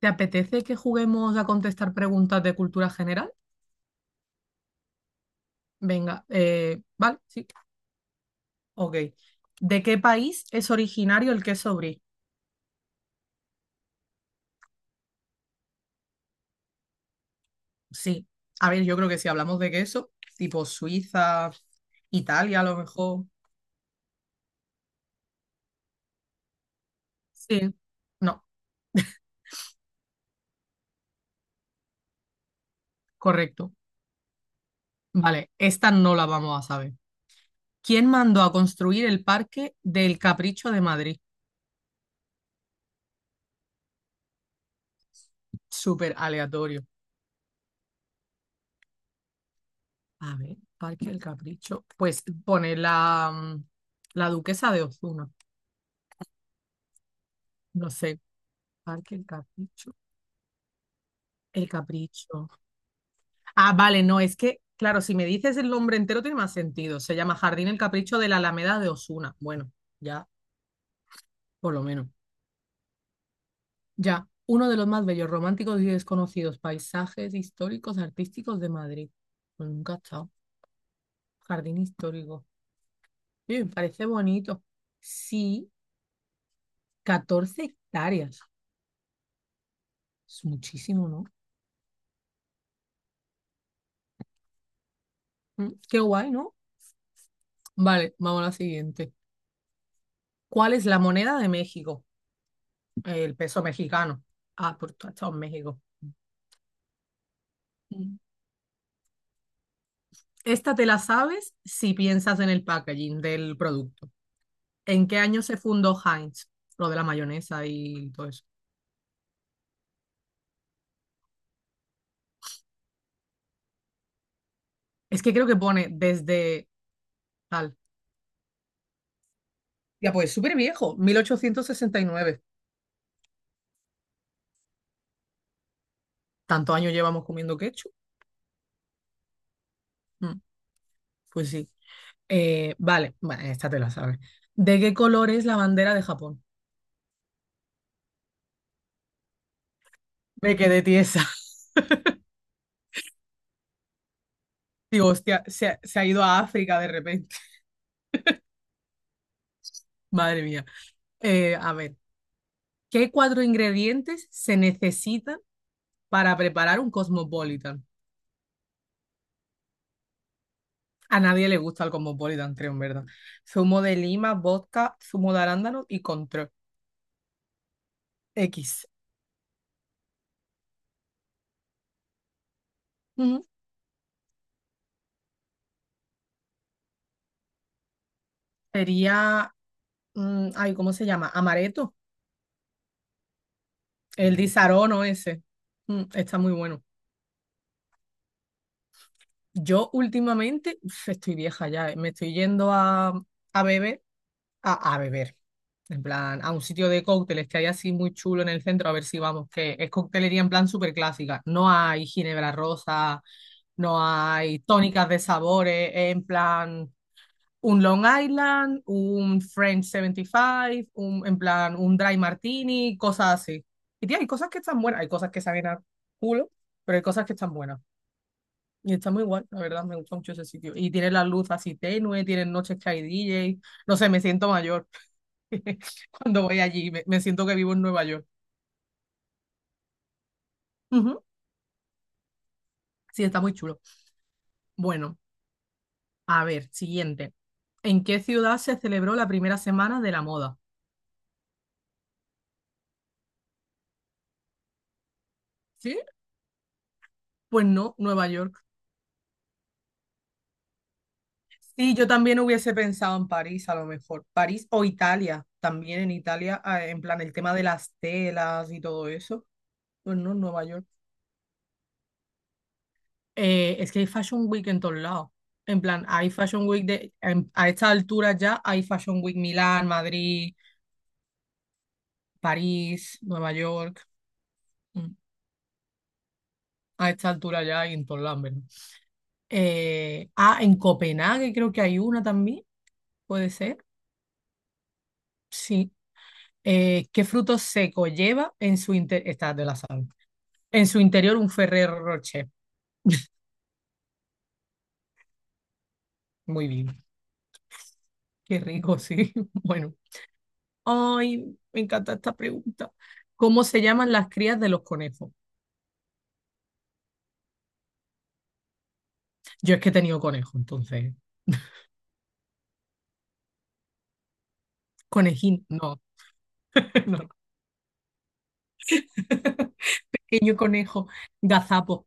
¿Te apetece que juguemos a contestar preguntas de cultura general? Venga, vale, sí, ok. ¿De qué país es originario el queso brie? Sí, a ver, yo creo que si hablamos de queso, tipo Suiza, Italia a lo mejor. Sí, no, correcto. Vale, esta no la vamos a saber. ¿Quién mandó a construir el Parque del Capricho de Madrid? Súper aleatorio. A ver, Parque del Capricho. Pues pone la duquesa de Ozuna. No sé. Parque El Capricho. El Capricho. Ah, vale, no, es que, claro, si me dices el nombre entero tiene más sentido. Se llama Jardín El Capricho de la Alameda de Osuna. Bueno, ya, por lo menos. Ya, uno de los más bellos, románticos y desconocidos paisajes históricos artísticos de Madrid. Pues nunca he estado. Jardín histórico. Oye, me parece bonito. Sí, 14 hectáreas. Es muchísimo, ¿no? Qué guay, ¿no? Vale, vamos a la siguiente. ¿Cuál es la moneda de México? El peso mexicano. Ah, por tu has estado en México. Mm. Esta te la sabes si piensas en el packaging del producto. ¿En qué año se fundó Heinz? Lo de la mayonesa y todo eso. Es que creo que pone desde tal. Ya, pues súper viejo, 1869. ¿Tantos años llevamos comiendo ketchup? Mm, pues sí. Vale, bueno, esta te la sabes. ¿De qué color es la bandera de Japón? Me quedé tiesa. Digo, hostia, se ha ido a África de repente. Madre mía. A ver, ¿qué cuatro ingredientes se necesitan para preparar un cosmopolitan? A nadie le gusta el cosmopolitan, creo, en verdad. Zumo de lima, vodka, zumo de arándano y control. X. Ujú. Sería, ay, ¿cómo se llama? Amaretto, el disarono ese. Mm, está muy bueno. Yo últimamente, uf, estoy vieja ya, me estoy yendo a beber a beber. En plan, a un sitio de cócteles que hay así muy chulo en el centro, a ver si vamos, que es coctelería en plan súper clásica. No hay ginebra rosa, no hay tónicas de sabores, es en plan un Long Island, un French 75, en plan un dry martini, cosas así. Y tía, hay cosas que están buenas, hay cosas que saben a culo, pero hay cosas que están buenas. Y está muy guay, la verdad, me gusta mucho ese sitio. Y tiene la luz así tenue, tienen noches que hay DJ, no sé, me siento mayor. Cuando voy allí, me siento que vivo en Nueva York. Ujú. Sí, está muy chulo. Bueno, a ver, siguiente. ¿En qué ciudad se celebró la primera semana de la moda? ¿Sí? Pues no, Nueva York. Sí, yo también hubiese pensado en París, a lo mejor. París o Italia, también en Italia, en plan el tema de las telas y todo eso. Pues no, Nueva York. Es que hay Fashion Week en todos lados. En plan, hay Fashion Week a esta altura ya hay Fashion Week Milán, Madrid, París, Nueva York. mm, a esta altura ya hay en todos lados, ¿verdad? En Copenhague creo que hay una también, puede ser. Sí. ¿Qué fruto seco lleva en su interior? Esta de la sal. En su interior un Ferrero Rocher. Muy bien. Qué rico, sí. Bueno. Ay, me encanta esta pregunta. ¿Cómo se llaman las crías de los conejos? Yo es que he tenido conejos, entonces. Conejín, no, no. Pequeño conejo, gazapo.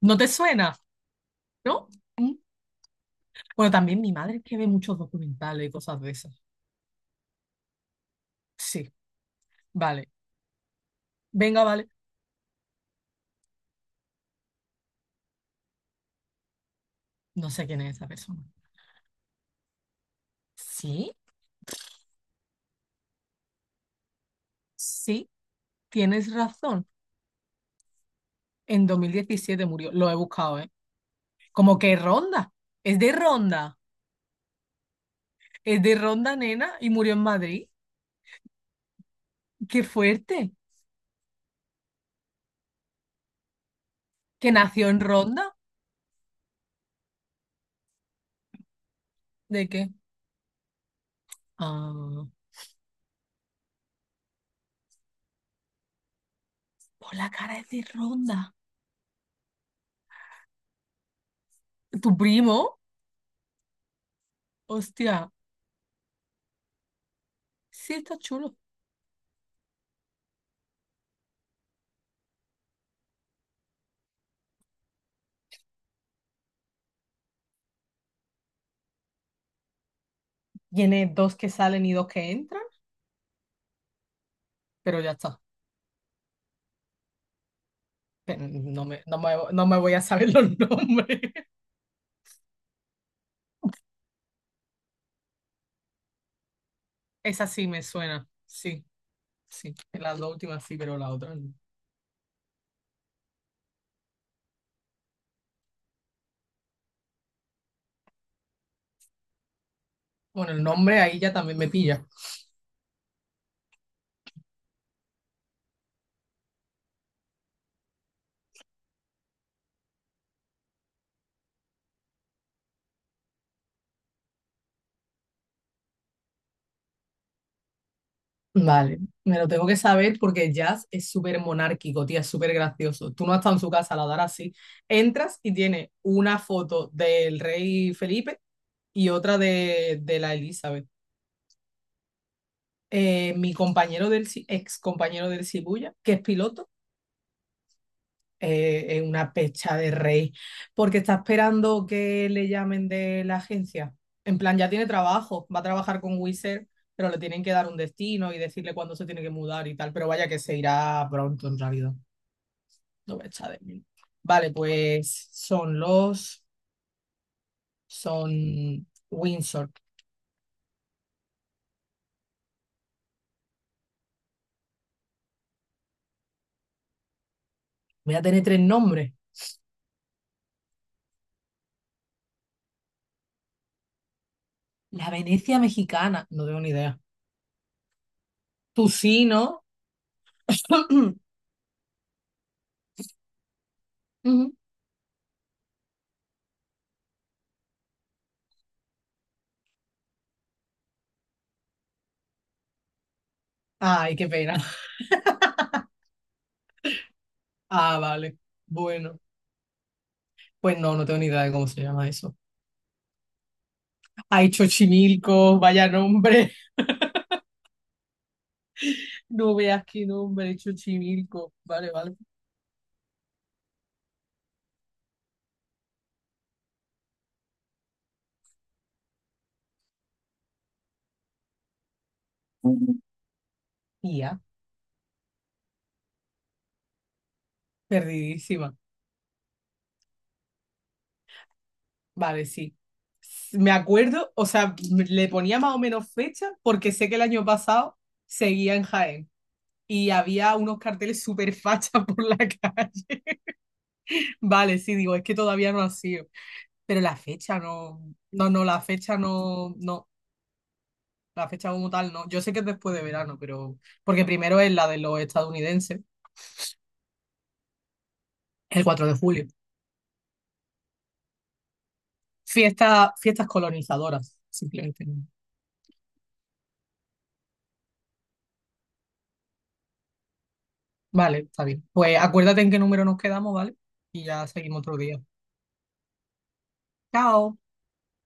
¿No te suena? ¿No? Mm. Bueno, también mi madre es que ve muchos documentales y cosas de esas. Sí, vale. Venga, vale. No sé quién es esa persona. Sí, sí, tienes razón. En 2017 murió. Lo he buscado, ¿eh? Como que Ronda. Es de Ronda. Es de Ronda, nena, y murió en Madrid. Qué fuerte. Que nació en Ronda. ¿De qué? Ah, por la cara es de Ronda. ¿Tu primo? Hostia. Sí, está chulo. Tiene dos que salen y dos que entran, pero ya está. Pero no me voy a saber los nombres. Esa sí me suena. Sí, sí. Las dos últimas sí, pero la otra no. Bueno, el nombre ahí ya también me pilla. Vale, me lo tengo que saber porque Jazz es súper monárquico, tía, es súper gracioso. Tú no has estado en su casa, la darás así. Entras y tiene una foto del rey Felipe y otra de la Elizabeth. Mi compañero del ex compañero del Cibuya, que es piloto, es una pecha de rey, porque está esperando que le llamen de la agencia. En plan, ya tiene trabajo, va a trabajar con Wizard, pero le tienen que dar un destino y decirle cuándo se tiene que mudar y tal, pero vaya que se irá pronto en realidad. No me echa de mí. Vale, son Windsor. Voy a tener tres nombres. La Venecia mexicana, no tengo ni idea. Tú sí, ¿no? Ujú. Ay, qué pena. Ah, vale. Bueno. Pues no, no tengo ni idea de cómo se llama eso. Ay, Chochimilco, vaya nombre. No veas qué nombre, Chochimilco. Vale, vale. Tía, perdidísima. Vale, sí. Me acuerdo, o sea, le ponía más o menos fecha porque sé que el año pasado seguía en Jaén y había unos carteles súper fachas por la calle. Vale, sí, digo, es que todavía no ha sido. Pero la fecha no, no, no, la fecha no, no. La fecha como tal, no. Yo sé que es después de verano, pero. Porque primero es la de los estadounidenses, el 4 de julio. Fiesta, fiestas colonizadoras, simplemente. Vale, está bien. Pues acuérdate en qué número nos quedamos, ¿vale? Y ya seguimos otro día. Chao.